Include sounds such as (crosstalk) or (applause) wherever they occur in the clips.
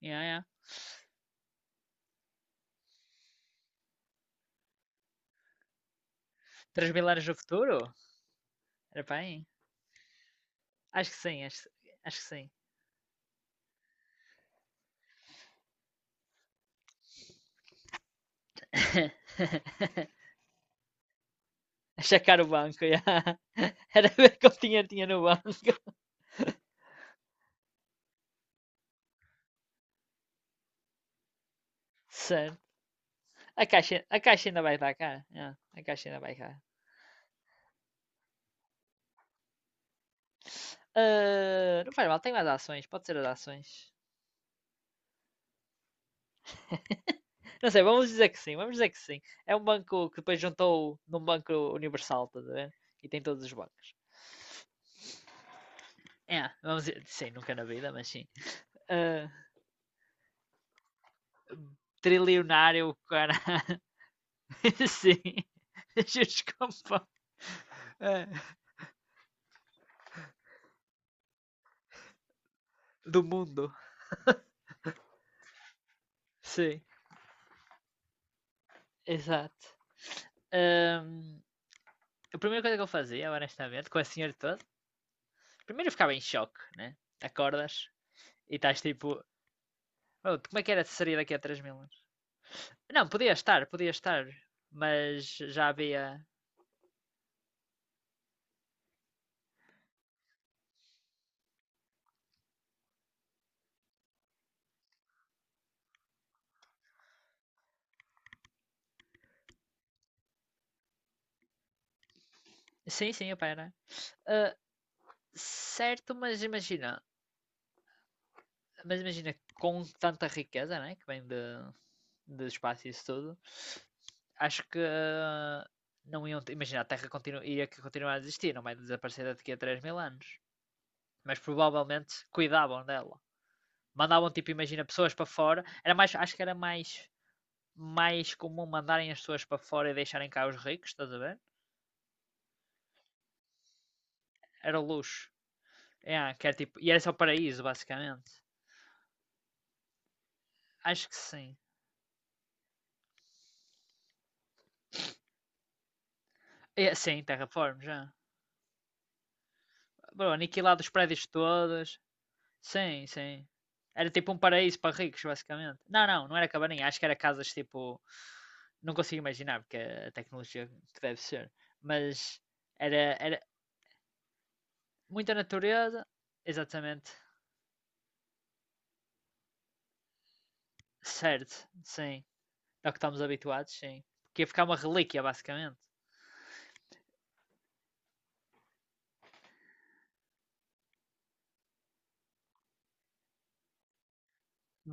Yeah, yeah. Três mil anos no futuro? Era bem? Acho que sim, acho que sim. (laughs) Checar o banco, yeah. (laughs) Era ver quanto dinheiro tinha no banco. (laughs) Certo. A caixa ainda vai estar cá. Yeah, a caixa ainda vai cá. Ah, não faz mal, tem mais ações, pode ser as ações. (laughs) Não sei, vamos dizer que sim, vamos dizer que sim. É um banco que depois juntou num banco universal, estás a ver? E tem todos os bancos. É, vamos dizer, sim, nunca na vida, mas sim. Ah, trilionário, cara. (laughs) Sim. Desculpa. É, do mundo. Sim, exato. Ahm, a primeira coisa que eu fazia, honestamente, com a senhora toda, primeiro eu ficava em choque, né? Acordas e estás tipo, "Oh, como é que era de sair daqui a 3.000 anos?" Não, podia estar, mas já havia. Sim, sim, a pena. Ah, certo, mas imagina. Mas imagina, com tanta riqueza, né, que vem de espaço e isso tudo, acho que ah, não iam ter- Imagina, a Terra ia que continuar a existir, não vai desaparecer daqui a 3 mil anos. Mas provavelmente cuidavam dela. Mandavam, tipo, imagina, pessoas para fora. Era mais, acho que era mais comum mandarem as pessoas para fora e deixarem cá os ricos, estás a ver? Era o luxo. É, que era, tipo, e era só o paraíso, basicamente. Acho que sim. É, sim, terraform, já. Bro, aniquilado os prédios todos. Sim, sim. Era tipo um paraíso para ricos, basicamente. Não, não, não era cabaninha. Acho que era casas tipo. Não consigo imaginar, porque é a tecnologia que deve ser. Mas era muita natureza. Exatamente. Certo, sim. É o que estamos habituados, sim. Porque ia ficar uma relíquia, basicamente.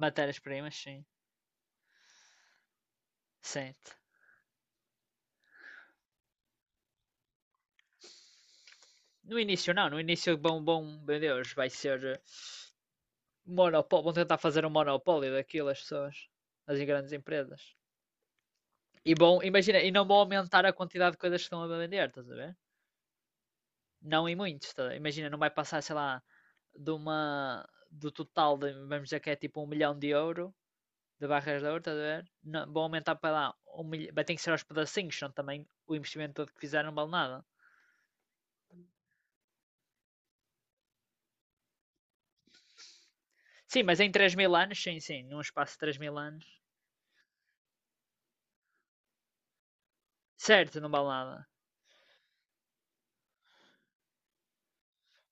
Matérias-primas, sim. Sim. No início, não. No início, bom, meu Deus, vai ser monopólio. Vão tentar fazer um monopólio daquilo, as pessoas. As grandes empresas. E bom, imagina, e não vão aumentar a quantidade de coisas que estão a vender, estás a ver? Não em muitos, estás a ver? Imagina, não vai passar, sei lá, de uma do total, de, vamos dizer que é tipo um milhão de euro, de barras de ouro, estás a ver? Não, vão aumentar para lá, um milhão, vai ter que ser aos pedacinhos, senão também o investimento todo que fizeram não vale nada. Sim, mas em três mil anos, sim, sim, num espaço de 3 mil anos, certo, não vale nada.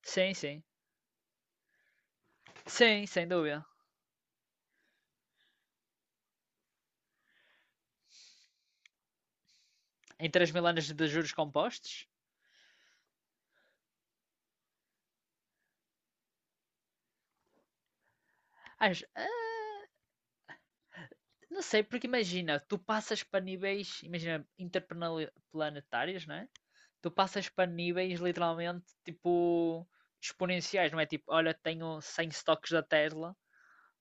Sim, sim, sim, sem dúvida. Em 3 mil anos de juros compostos, acho, ah, Não sei, porque imagina, tu passas para níveis, imagina, interplanetários, não é? Tu passas para níveis literalmente tipo exponenciais, não é? Tipo, olha, tenho 100 stocks da Tesla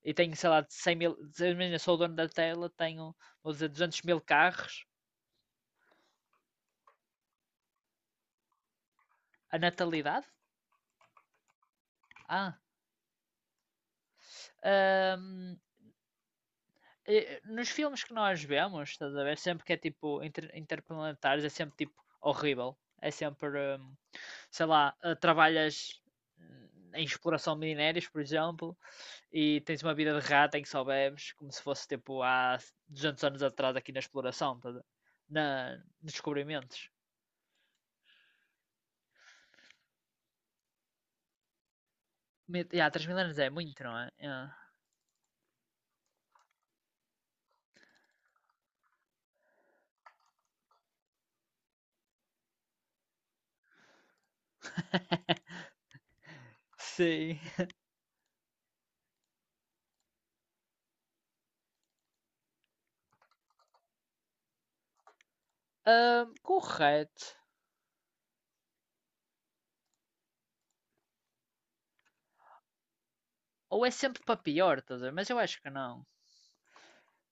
e tenho, sei lá, 100 mil, imagina, sou o dono da Tesla, tenho, vou dizer, 200.000 carros. A natalidade? Ah, hum, eh, nos filmes que nós vemos, estás a ver? Sempre que é tipo interplanetares, é sempre tipo horrível. É sempre, hum, sei lá, trabalhas hum, em exploração de minérios, por exemplo, e tens uma vida de rata em que só bebes, como se fosse tipo há 200 anos atrás aqui na exploração, estás a ver? Nos descobrimentos. Mil- Ya, mil anos é muito, não é? Ya. Sim. Correto. Ou é sempre para pior, estás a ver? Mas eu acho que não.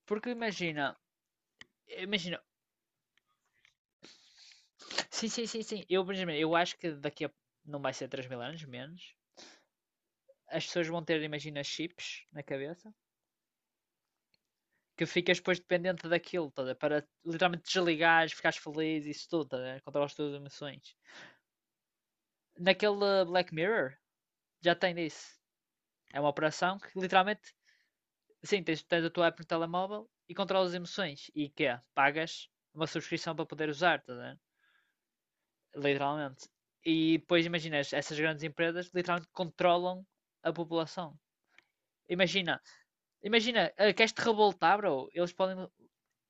Porque imagina. Sim, sim, sim, sim. Eu, por exemplo, eu acho que daqui a. Não vai ser 3 mil anos, menos. As pessoas vão ter, imagina, chips na cabeça. Que ficas depois dependente daquilo, toda, para literalmente desligares, ficares feliz, isso tudo, toda, controlas todas as emoções. Naquele Black Mirror, já tem disso. É uma operação que literalmente, sim, tens a tua app no telemóvel e controlas as emoções. E que é? Pagas uma subscrição para poder usar, tá a ver? Literalmente. E depois imaginas, essas grandes empresas literalmente controlam a população. Imagina, imagina, queres te revoltar, bro? Eles podem.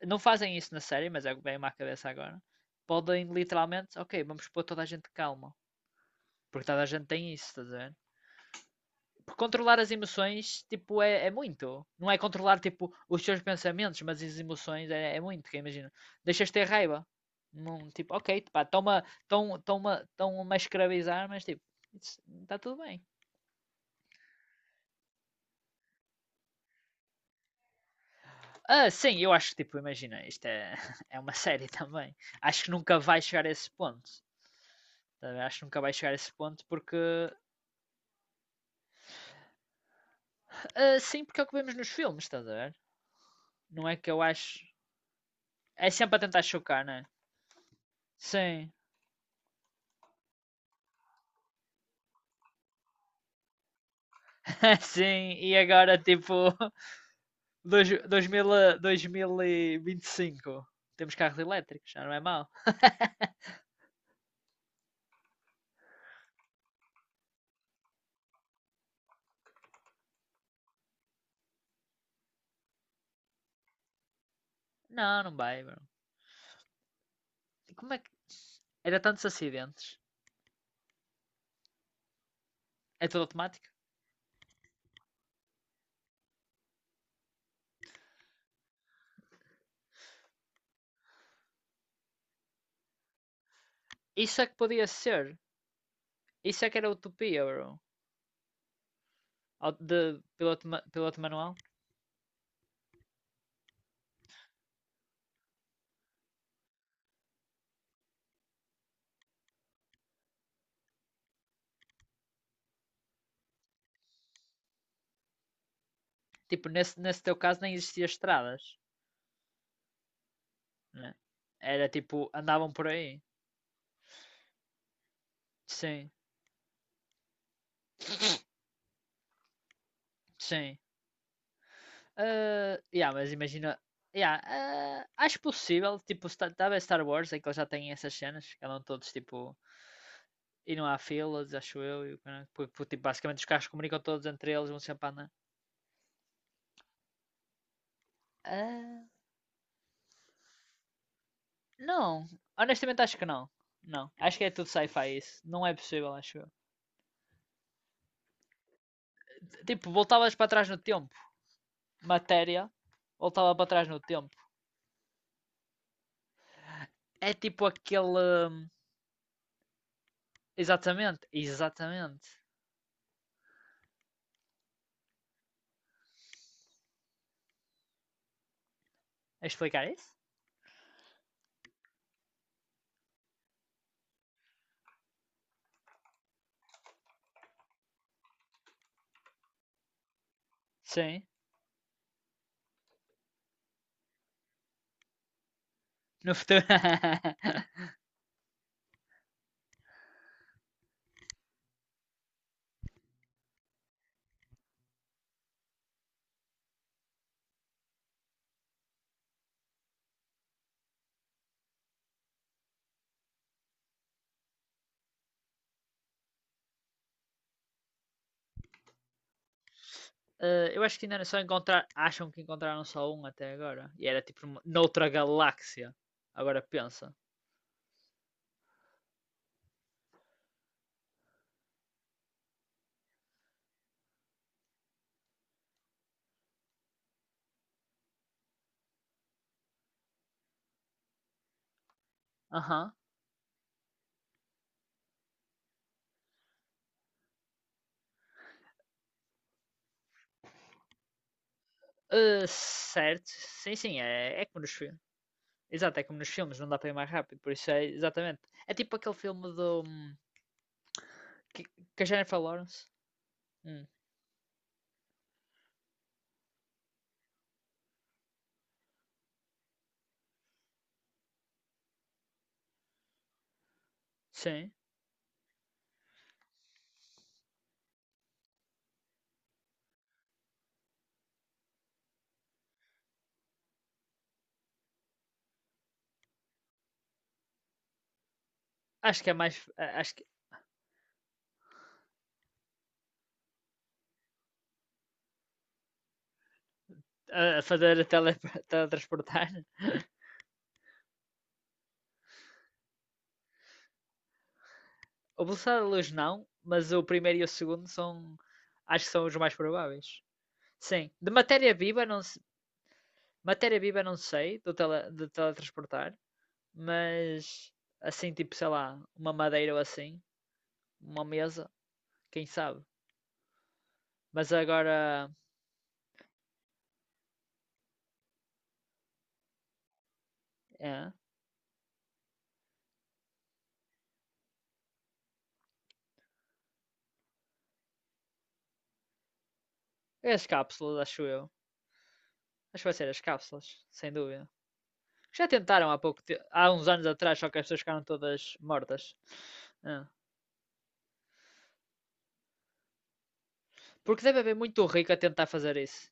Não fazem isso na série, mas é o que vem-me à cabeça agora. Podem literalmente, ok, vamos pôr toda a gente calma. Porque toda a gente tem isso, estás a ver? Porque controlar as emoções, tipo, é muito. Não é controlar, tipo, os teus pensamentos, mas as emoções é muito. Que imagina, deixas ter raiva. Não, tipo, ok, pá, estão-me a- estão- estão-me a estão-me a escravizar, mas tipo, está tudo bem. Ah, sim, eu acho que, tipo, imagina, isto é, (laughs) é uma série também. Acho que nunca vai chegar a esse ponto. Tá a ver? Acho que nunca vai chegar a esse ponto porque. Ah, sim, porque é o que vemos nos filmes, estás a ver? Não é que eu acho. É sempre a tentar chocar, não é? Sim, (laughs) sim, e agora, tipo, (laughs) dois, 2000, a- 2025. Temos carros elétricos, já não é mau. Não, não vai, bro. E como é que. Era tantos acidentes. É tudo automático? Isso é que podia ser. Isso é que era utopia, bro. Piloto manual. Tipo, nesse teu caso nem existia estradas, né? Era tipo, andavam por aí. Sim, sim. Ah, yeah, mas imagina. Yeah, ah, acho possível, tipo, talvez Star Wars, é que eles já têm essas cenas, que andam todos tipo. E não há filas, acho eu, e o caralho, porque, tipo, basicamente os carros comunicam todos entre eles, vão sempre a andar. Ah, não, honestamente acho que não. Não, acho que é tudo sci-fi isso. Não é possível, acho eu. Tipo, voltavas para trás no tempo. Matéria voltava para trás no tempo. É tipo aquele. Exatamente, exatamente. A explicar isso? Sim. No futuro. (laughs) Eh, eu acho que ainda era só encontrar. Acham que encontraram só um até agora. E era tipo noutra galáxia. Agora pensa. Aham. Eh, certo. Sim, sim. É como nos filmes. Exato, é como nos filmes. Não dá para ir mais rápido. Por isso é exatamente. É tipo aquele filme do. Que, que a Jennifer Lawrence. Hum, sim. Acho que é mais. Acho que a fazer a (laughs) teletransportar. (laughs) O velocidade da luz não, mas o primeiro e o segundo são. Acho que são os mais prováveis. Sim. De matéria viva, não, matéria viva não sei, de teletransportar, mas assim, tipo, sei lá, uma madeira ou assim, uma mesa, quem sabe. Mas agora. É. É as cápsulas, acho eu. Acho que vai ser as cápsulas, sem dúvida. Já tentaram há há uns anos atrás, só que as pessoas ficaram todas mortas. Ah. Porque deve haver muito rico a tentar fazer isso.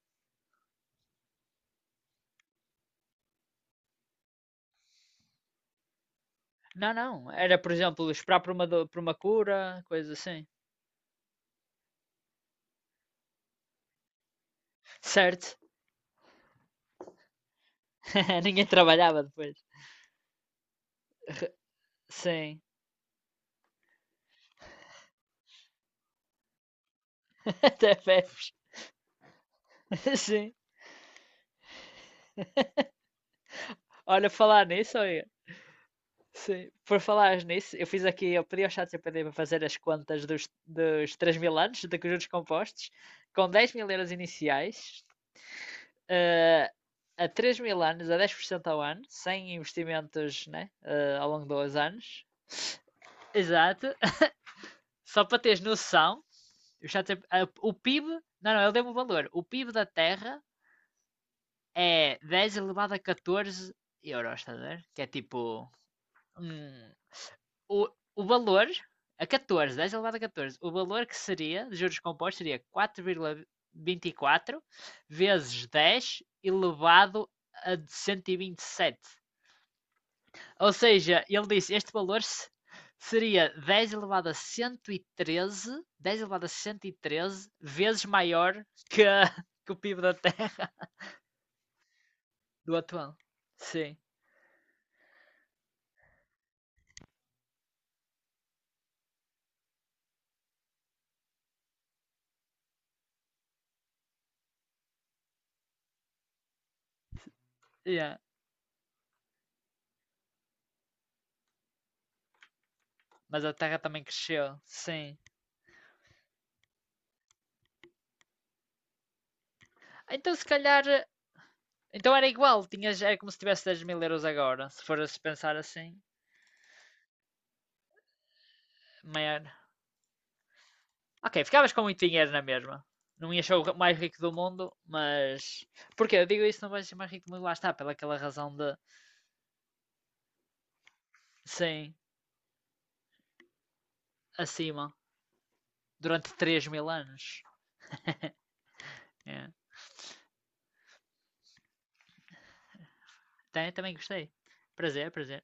Não, não. Era, por exemplo, esperar por por uma cura, coisa assim. Certo. (laughs) Ninguém trabalhava depois. Sim. (laughs) Até bebes. (laughs) Sim. Olha, falar nisso, olha. Sim. Por falar nisso, eu fiz aqui, eu pedi ao ChatGPT para fazer as contas dos três mil anos de juros compostos, com 10.000 euros iniciais, eh, a 3 mil anos, a 10% ao ano, sem investimentos né, ao longo dos anos. Exato. (laughs) Só para teres noção, eu o PIB. Não, não, ele deu-me o valor. O PIB da Terra é 10 elevado a 14 euros, estás a ver? Que é tipo. hum, o, o valor. A 14, 10 elevado a 14, o valor que seria, de juros compostos, seria 4,24 vezes 10 elevado a cento e vinte e sete. Ou seja, ele disse, este valor seria 10 elevado a 113, 10 elevado a 113 vezes maior que, que o PIB da Terra (laughs) do atual. Sim. Yeah. Mas a Terra também cresceu, sim. Então se calhar, então era igual, tinhas, era como se tivesse 10.000 euros agora, se fores pensar assim, maior. Ok, ficavas com muito dinheiro na mesma. Não ias ser o mais rico do mundo, mas... Porquê? Eu digo isso, não vais ser mais rico do mundo, lá está, pela aquela razão de... Sim, acima durante 3 mil anos. É. Também, também gostei. Prazer, prazer.